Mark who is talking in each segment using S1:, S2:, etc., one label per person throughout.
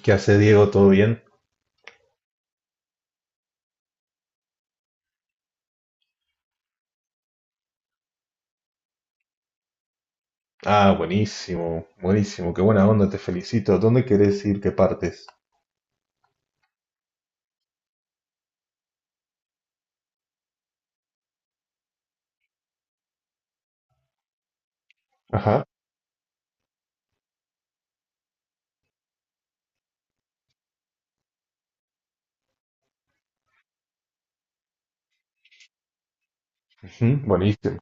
S1: ¿Qué hace Diego? ¿Todo bien? Ah, buenísimo, buenísimo, qué buena onda, te felicito. ¿Dónde querés ir? ¿Qué partes? Ajá, ujú, buenísimo.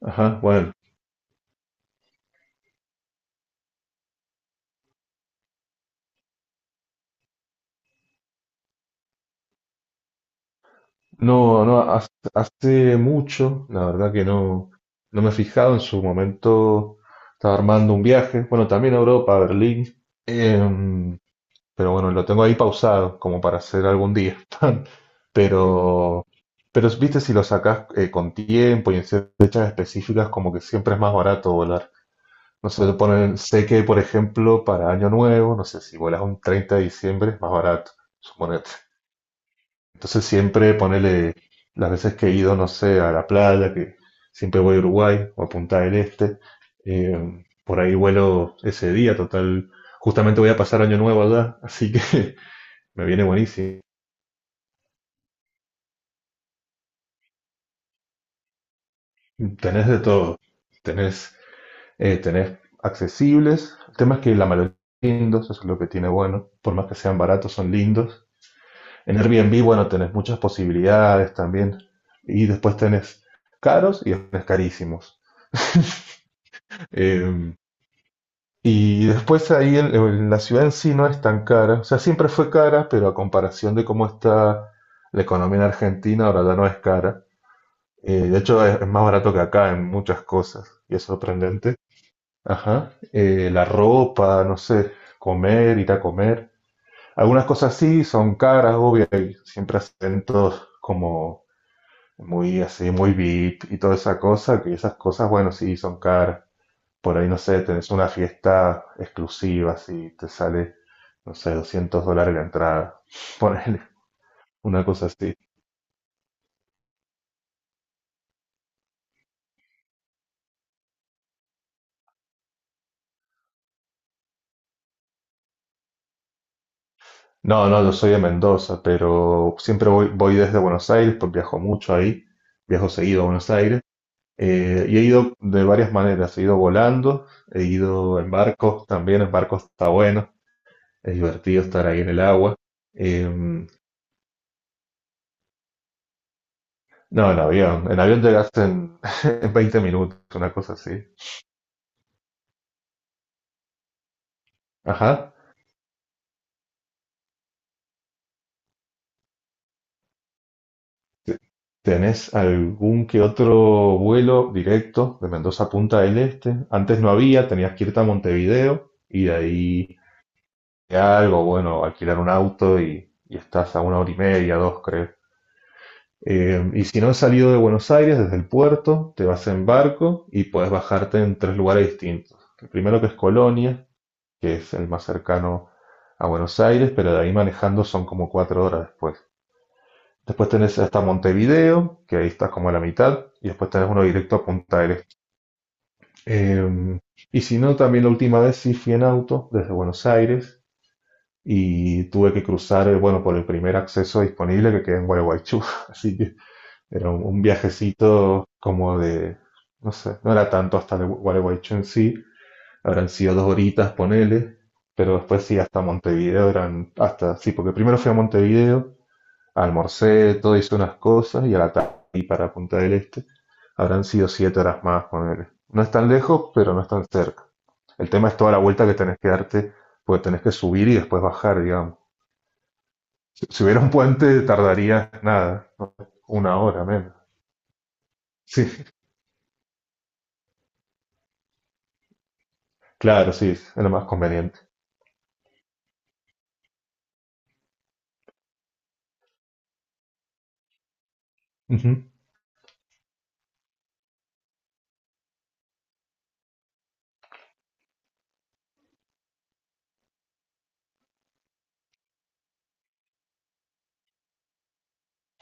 S1: Ajá, bueno. No, no, hace mucho, la verdad que no, no me he fijado. En su momento estaba armando un viaje, bueno, también a Europa, a Berlín. Em, pero bueno, lo tengo ahí pausado como para hacer algún día. Pero, pero viste, si lo sacás con tiempo y en fechas específicas, como que siempre es más barato volar. No sé, le ponen, sé que, por ejemplo, para Año Nuevo, no sé, si vuelas un 30 de diciembre es más barato, suponete. Entonces siempre ponele, las veces que he ido, no sé, a la playa, que siempre voy a Uruguay o a Punta del Este, por ahí vuelo ese día, total. Justamente voy a pasar Año Nuevo allá, así que me viene buenísimo. Tenés de todo, tenés, tenés accesibles, el tema es que la mayoría son lindos, eso es lo que tiene bueno, por más que sean baratos, son lindos. En Airbnb, bueno, tenés muchas posibilidades también. Y después tenés caros y después tenés carísimos. Eh, y después ahí en la ciudad en sí no es tan cara. O sea, siempre fue cara, pero a comparación de cómo está la economía en Argentina, ahora ya no es cara. De hecho, es más barato que acá en muchas cosas. Y es sorprendente. Ajá. La ropa, no sé, comer, ir a comer. Algunas cosas sí son caras, obvio, hay siempre acentos como muy así, muy VIP y toda esa cosa, que esas cosas, bueno, sí, son caras. Por ahí, no sé, tenés una fiesta exclusiva, si te sale, no sé, 200 dólares la entrada, ponele, una cosa así. No, no, yo soy de Mendoza, pero siempre voy desde Buenos Aires, pues viajo mucho ahí, viajo seguido a Buenos Aires, y he ido de varias maneras, he ido volando, he ido en barcos, también en barcos está bueno, es divertido estar ahí en el agua. Eh, No, en avión. En avión llegas en, en 20 minutos, una cosa así. Ajá. ¿Tenés algún que otro vuelo directo de Mendoza a Punta del Este? Antes no había, tenías que irte a Montevideo y de ahí a algo, bueno, alquilar un auto y estás a una hora y media, dos, creo. Y si no has salido de Buenos Aires, desde el puerto, te vas en barco y puedes bajarte en tres lugares distintos. El primero que es Colonia, que es el más cercano a Buenos Aires, pero de ahí manejando son como 4 horas después. Después tenés hasta Montevideo, que ahí estás como a la mitad, y después tenés uno directo a Punta del Este. Em, y si no, también la última vez sí fui en auto desde Buenos Aires y tuve que cruzar, bueno, por el primer acceso disponible que queda en Gualeguaychú, así que era un viajecito como de, no sé, no era tanto hasta de Gualeguaychú en sí, habrán sido 2 horitas, ponele, pero después sí, hasta Montevideo eran, hasta, sí, porque primero fui a Montevideo, almorcé, todo hice unas cosas y a la tarde y para Punta del Este habrán sido 7 horas más, ponele. No es tan lejos, pero no es tan cerca. El tema es toda la vuelta que tenés que darte, porque tenés que subir y después bajar, digamos. Si hubiera un puente, tardaría nada, ¿no? Una hora menos. Sí, claro, sí, es lo más conveniente. Ujú,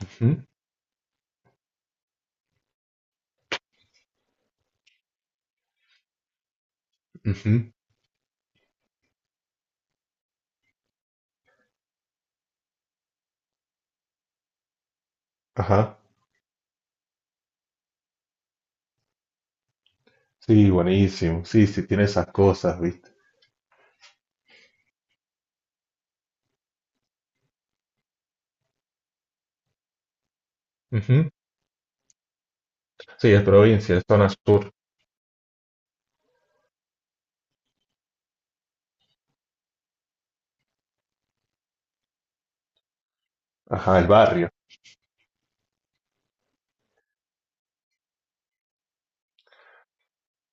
S1: ujú, ujú. Ajá. Sí, buenísimo. Sí, sí, tiene esas cosas, ¿viste? Ujú. Sí, es provincia, es zona sur. Ajá, el barrio.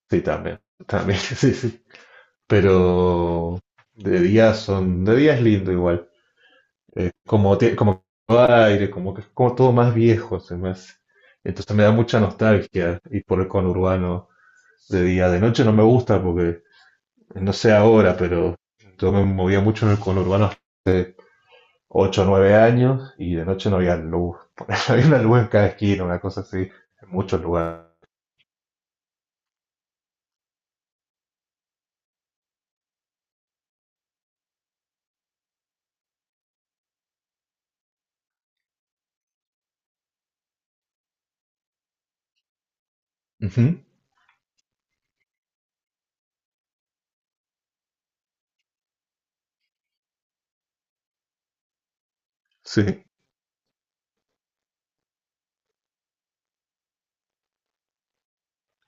S1: Sí, también. También, sí, sí. Pero de día es lindo igual. Como todo aire, como que es como todo más viejo, se me hace. Entonces me da mucha nostalgia ir por el conurbano de día. De noche no me gusta porque, no sé ahora, pero yo me movía mucho en el conurbano ocho o 9 años y de noche no había luz. Había una luz en cada esquina, una cosa así, en muchos lugares. Ujú, sí,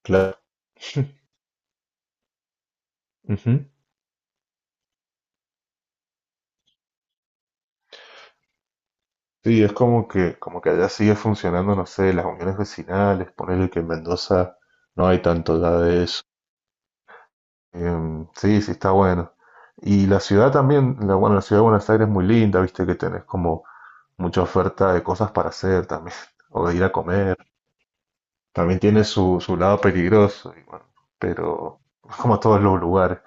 S1: claro. Ujú. Sí, es como que, allá sigue funcionando, no sé, las uniones vecinales, ponerle que en Mendoza no hay tanto ya de eso. Sí, sí, está bueno. Y la ciudad también, la, bueno, la ciudad de Buenos Aires es muy linda, viste que tenés como mucha oferta de cosas para hacer también, o de ir a comer. También tiene su lado peligroso, y bueno, pero como todos los lugares.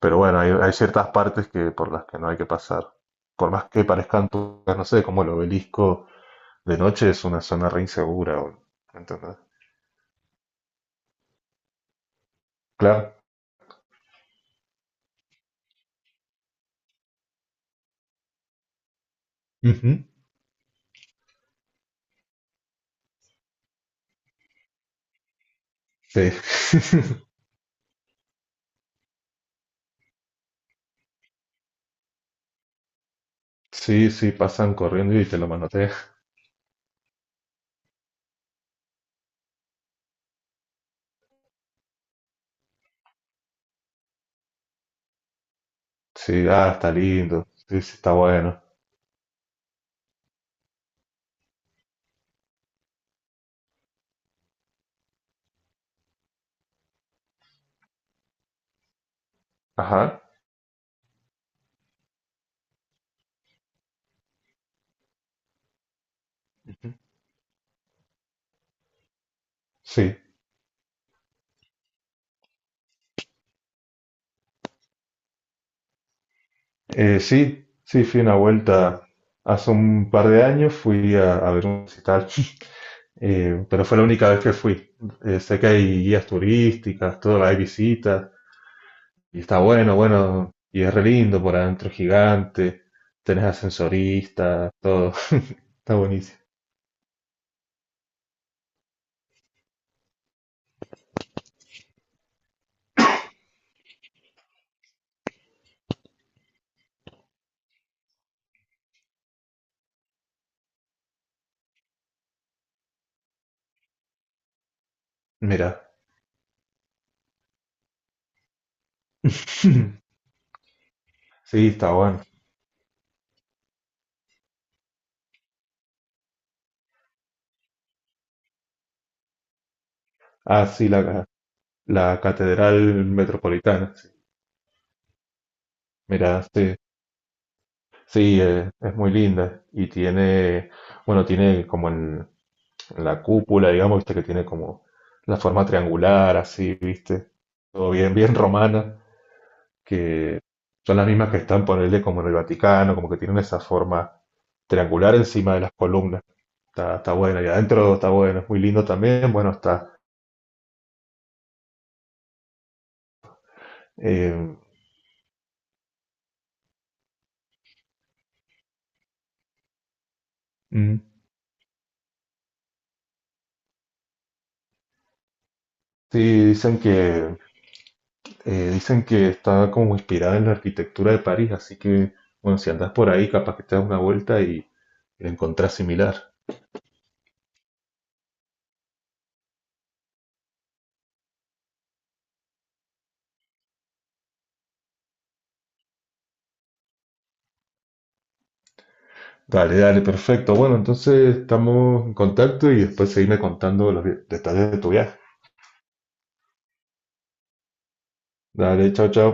S1: Pero bueno, hay ciertas partes que por las que no hay que pasar. Por más que parezcan turcas, no sé, como el obelisco de noche es una zona re insegura, ¿entendés? Claro. Ujú. Sí. Sí, sí, pasan corriendo y te lo manotean. Sí, ah, está lindo. Sí, sí, está bueno. Ajá. Sí. Sí, sí, fui una vuelta hace un par de años, fui a ver un recital. Pero fue la única vez que fui. Sé que hay guías turísticas, todo, hay visitas, y está bueno, bueno, y es re lindo por adentro, gigante, tenés ascensorista, todo, está buenísimo. Mira, sí, está bueno. Ah, sí, la Catedral Metropolitana, sí. Mira, sí, sí, es muy linda y tiene, bueno, tiene como el, la cúpula, digamos, viste que tiene como la forma triangular, así, viste, todo bien, bien romana, que son las mismas que están, ponerle como en el Vaticano, como que tienen esa forma triangular encima de las columnas. Está bueno, y adentro está bueno, es muy lindo también, bueno, está. eh, Mm. Sí, dicen que está como inspirada en la arquitectura de París, así que, bueno, si andás por ahí, capaz que te das una vuelta y la encontrás similar. Dale, dale, perfecto. Bueno, entonces estamos en contacto y después seguime contando los detalles de tu viaje. Dale, chao, chao.